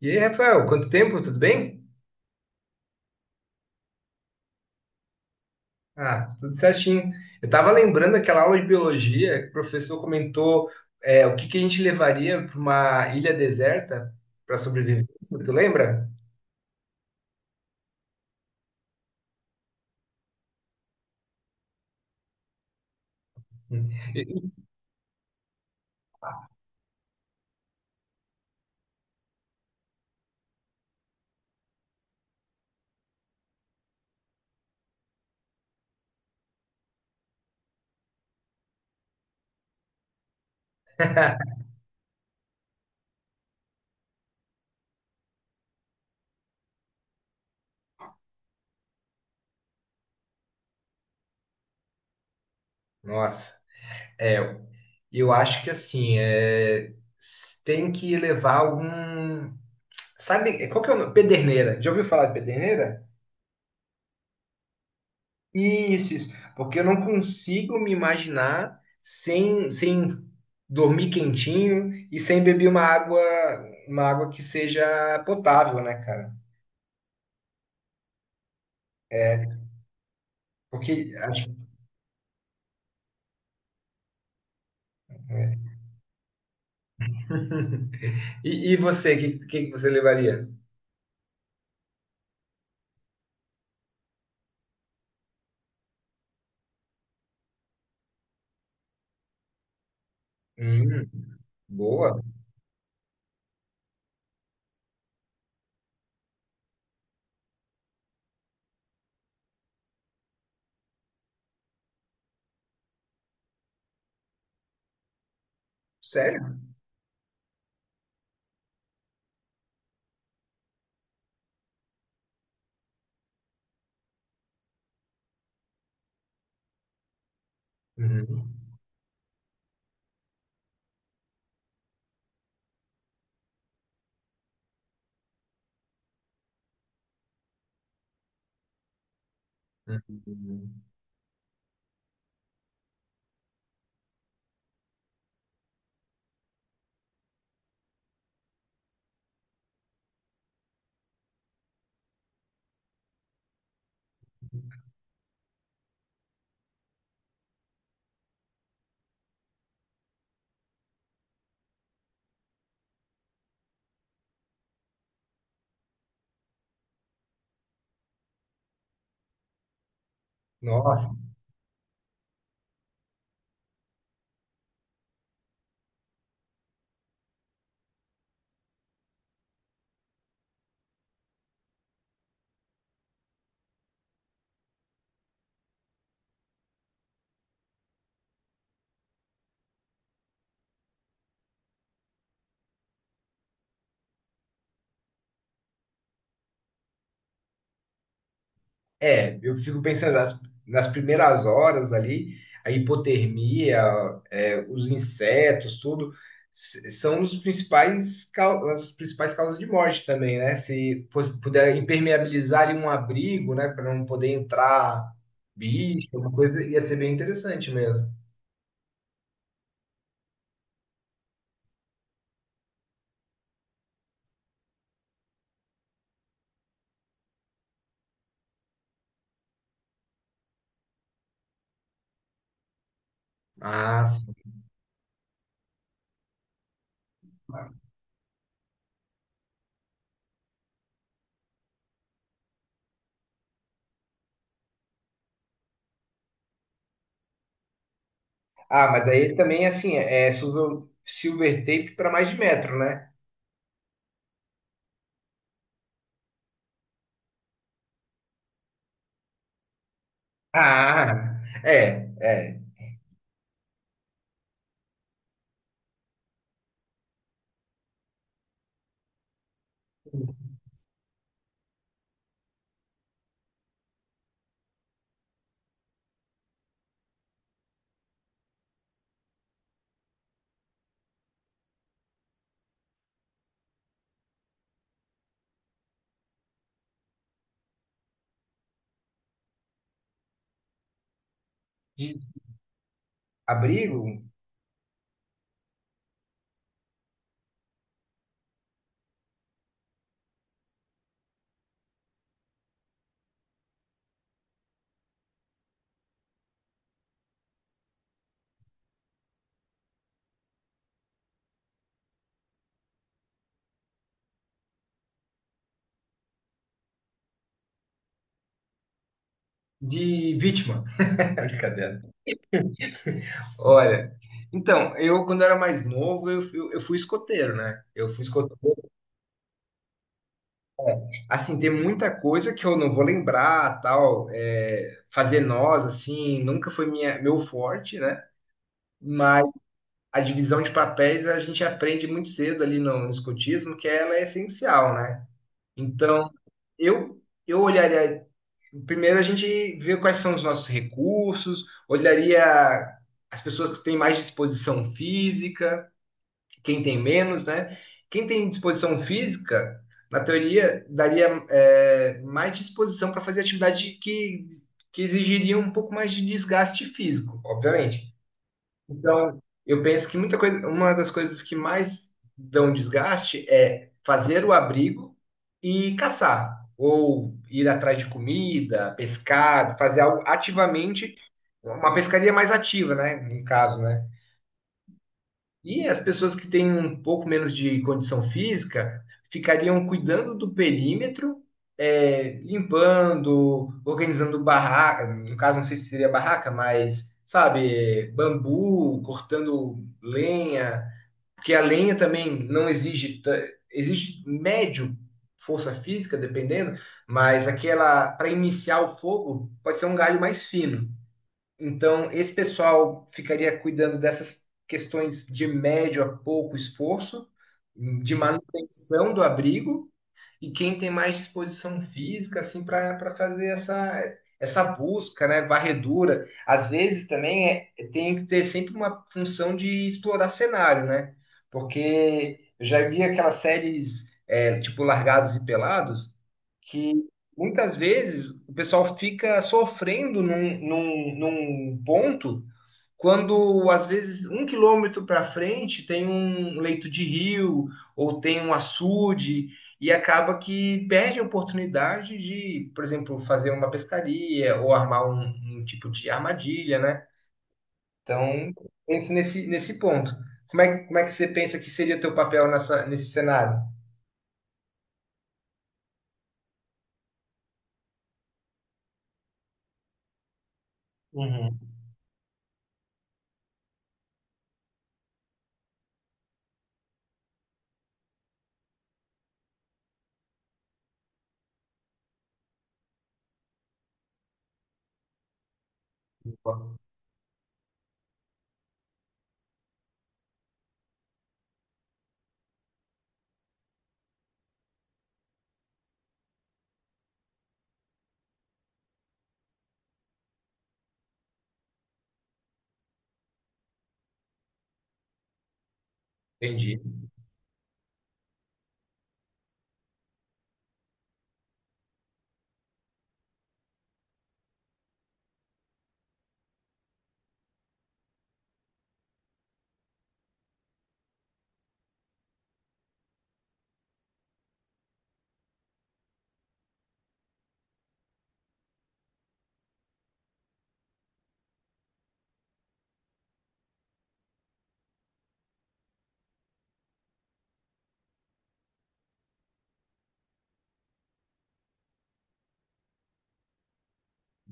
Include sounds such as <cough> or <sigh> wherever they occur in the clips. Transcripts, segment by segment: E aí, Rafael, quanto tempo? Tudo bem? Ah, tudo certinho. Eu estava lembrando daquela aula de biologia que o professor comentou o que que a gente levaria para uma ilha deserta para sobreviver. Tu lembra? <laughs> Nossa, é, eu acho que assim, tem que levar algum. Sabe, qual que é o nome? Pederneira. Já ouviu falar de pederneira? Isso, isso. Porque eu não consigo me imaginar sem dormir quentinho e sem beber uma água que seja potável, né, cara? É, porque acho. <laughs> E você, que você levaria? Hum, boa. Sério? Uhum. Uhum. Nossa. É, eu fico pensando nas primeiras horas ali, a hipotermia, é, os insetos, tudo, são os principais, as principais causas de morte também, né? Se fosse- Puder impermeabilizar ali um abrigo, né, para não poder entrar bicho, alguma coisa, ia ser bem interessante mesmo. Ah, sim. Ah, mas aí também, assim, silver tape para mais de metro, né? Ah, é, é. De abrigo. De vítima. <laughs> Brincadeira. Olha, então, eu quando era mais novo, eu fui escoteiro, né? Eu fui escoteiro. Assim, tem muita coisa que eu não vou lembrar, tal, é, fazer nós, assim, nunca foi meu forte, né? Mas a divisão de papéis a gente aprende muito cedo ali no escotismo, que ela é essencial, né? Então, eu, eu olharia. Primeiro a gente vê quais são os nossos recursos, olharia as pessoas que têm mais disposição física, quem tem menos, né? Quem tem disposição física, na teoria, daria é, mais disposição para fazer atividade que exigiria um pouco mais de desgaste físico, obviamente. Então, eu penso que muita coisa, uma das coisas que mais dão desgaste é fazer o abrigo e caçar, ou ir atrás de comida, pescar, fazer algo ativamente, uma pescaria mais ativa, né? No caso, né? E as pessoas que têm um pouco menos de condição física ficariam cuidando do perímetro, é, limpando, organizando barraca, no caso não sei se seria barraca, mas sabe, bambu, cortando lenha, porque a lenha também não exige ta- exige médio força física dependendo, mas aquela para iniciar o fogo pode ser um galho mais fino. Então, esse pessoal ficaria cuidando dessas questões de médio a pouco esforço, de manutenção do abrigo, e quem tem mais disposição física assim para fazer essa busca, né, varredura. Às vezes também é, tem que ter sempre uma função de explorar cenário, né? Porque eu já vi aquelas séries é, tipo Largados e Pelados que muitas vezes o pessoal fica sofrendo num ponto quando às vezes um quilômetro para frente tem um leito de rio ou tem um açude e acaba que perde a oportunidade de, por exemplo, fazer uma pescaria ou armar um tipo de armadilha, né? Então, penso nesse ponto. Como é que você pensa que seria o teu papel nesse cenário? Uhum. Entendi.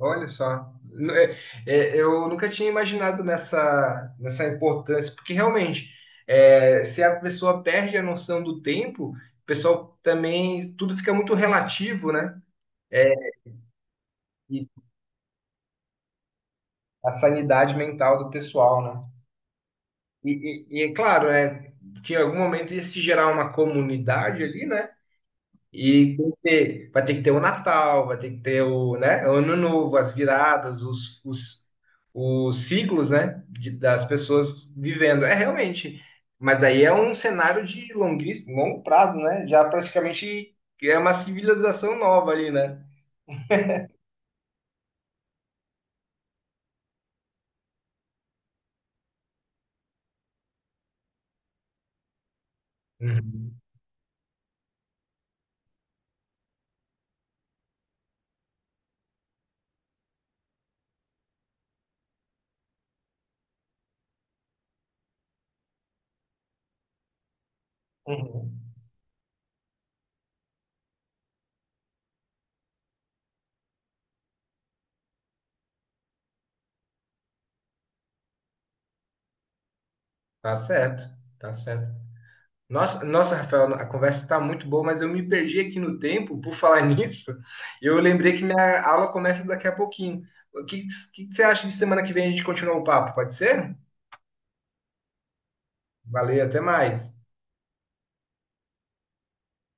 Olha só, é, eu nunca tinha imaginado nessa importância, porque realmente, é, se a pessoa perde a noção do tempo, o pessoal também, tudo fica muito relativo, né? E a sanidade mental do pessoal, né? E é claro, né, que em algum momento ia se gerar uma comunidade ali, né? E tem que ter, vai ter que ter o Natal, vai ter que ter o, né, o Ano Novo, as viradas, os ciclos, né, das pessoas vivendo. É realmente, mas daí é um cenário de longuíssimo, longo prazo, né? Já praticamente é uma civilização nova ali, né? Uhum. Uhum. Tá certo, tá certo. Nossa, nossa, Rafael, a conversa está muito boa, mas eu me perdi aqui no tempo por falar <laughs> nisso. Eu lembrei que minha aula começa daqui a pouquinho. O que, que você acha de semana que vem a gente continuar o papo? Pode ser? Valeu, até mais.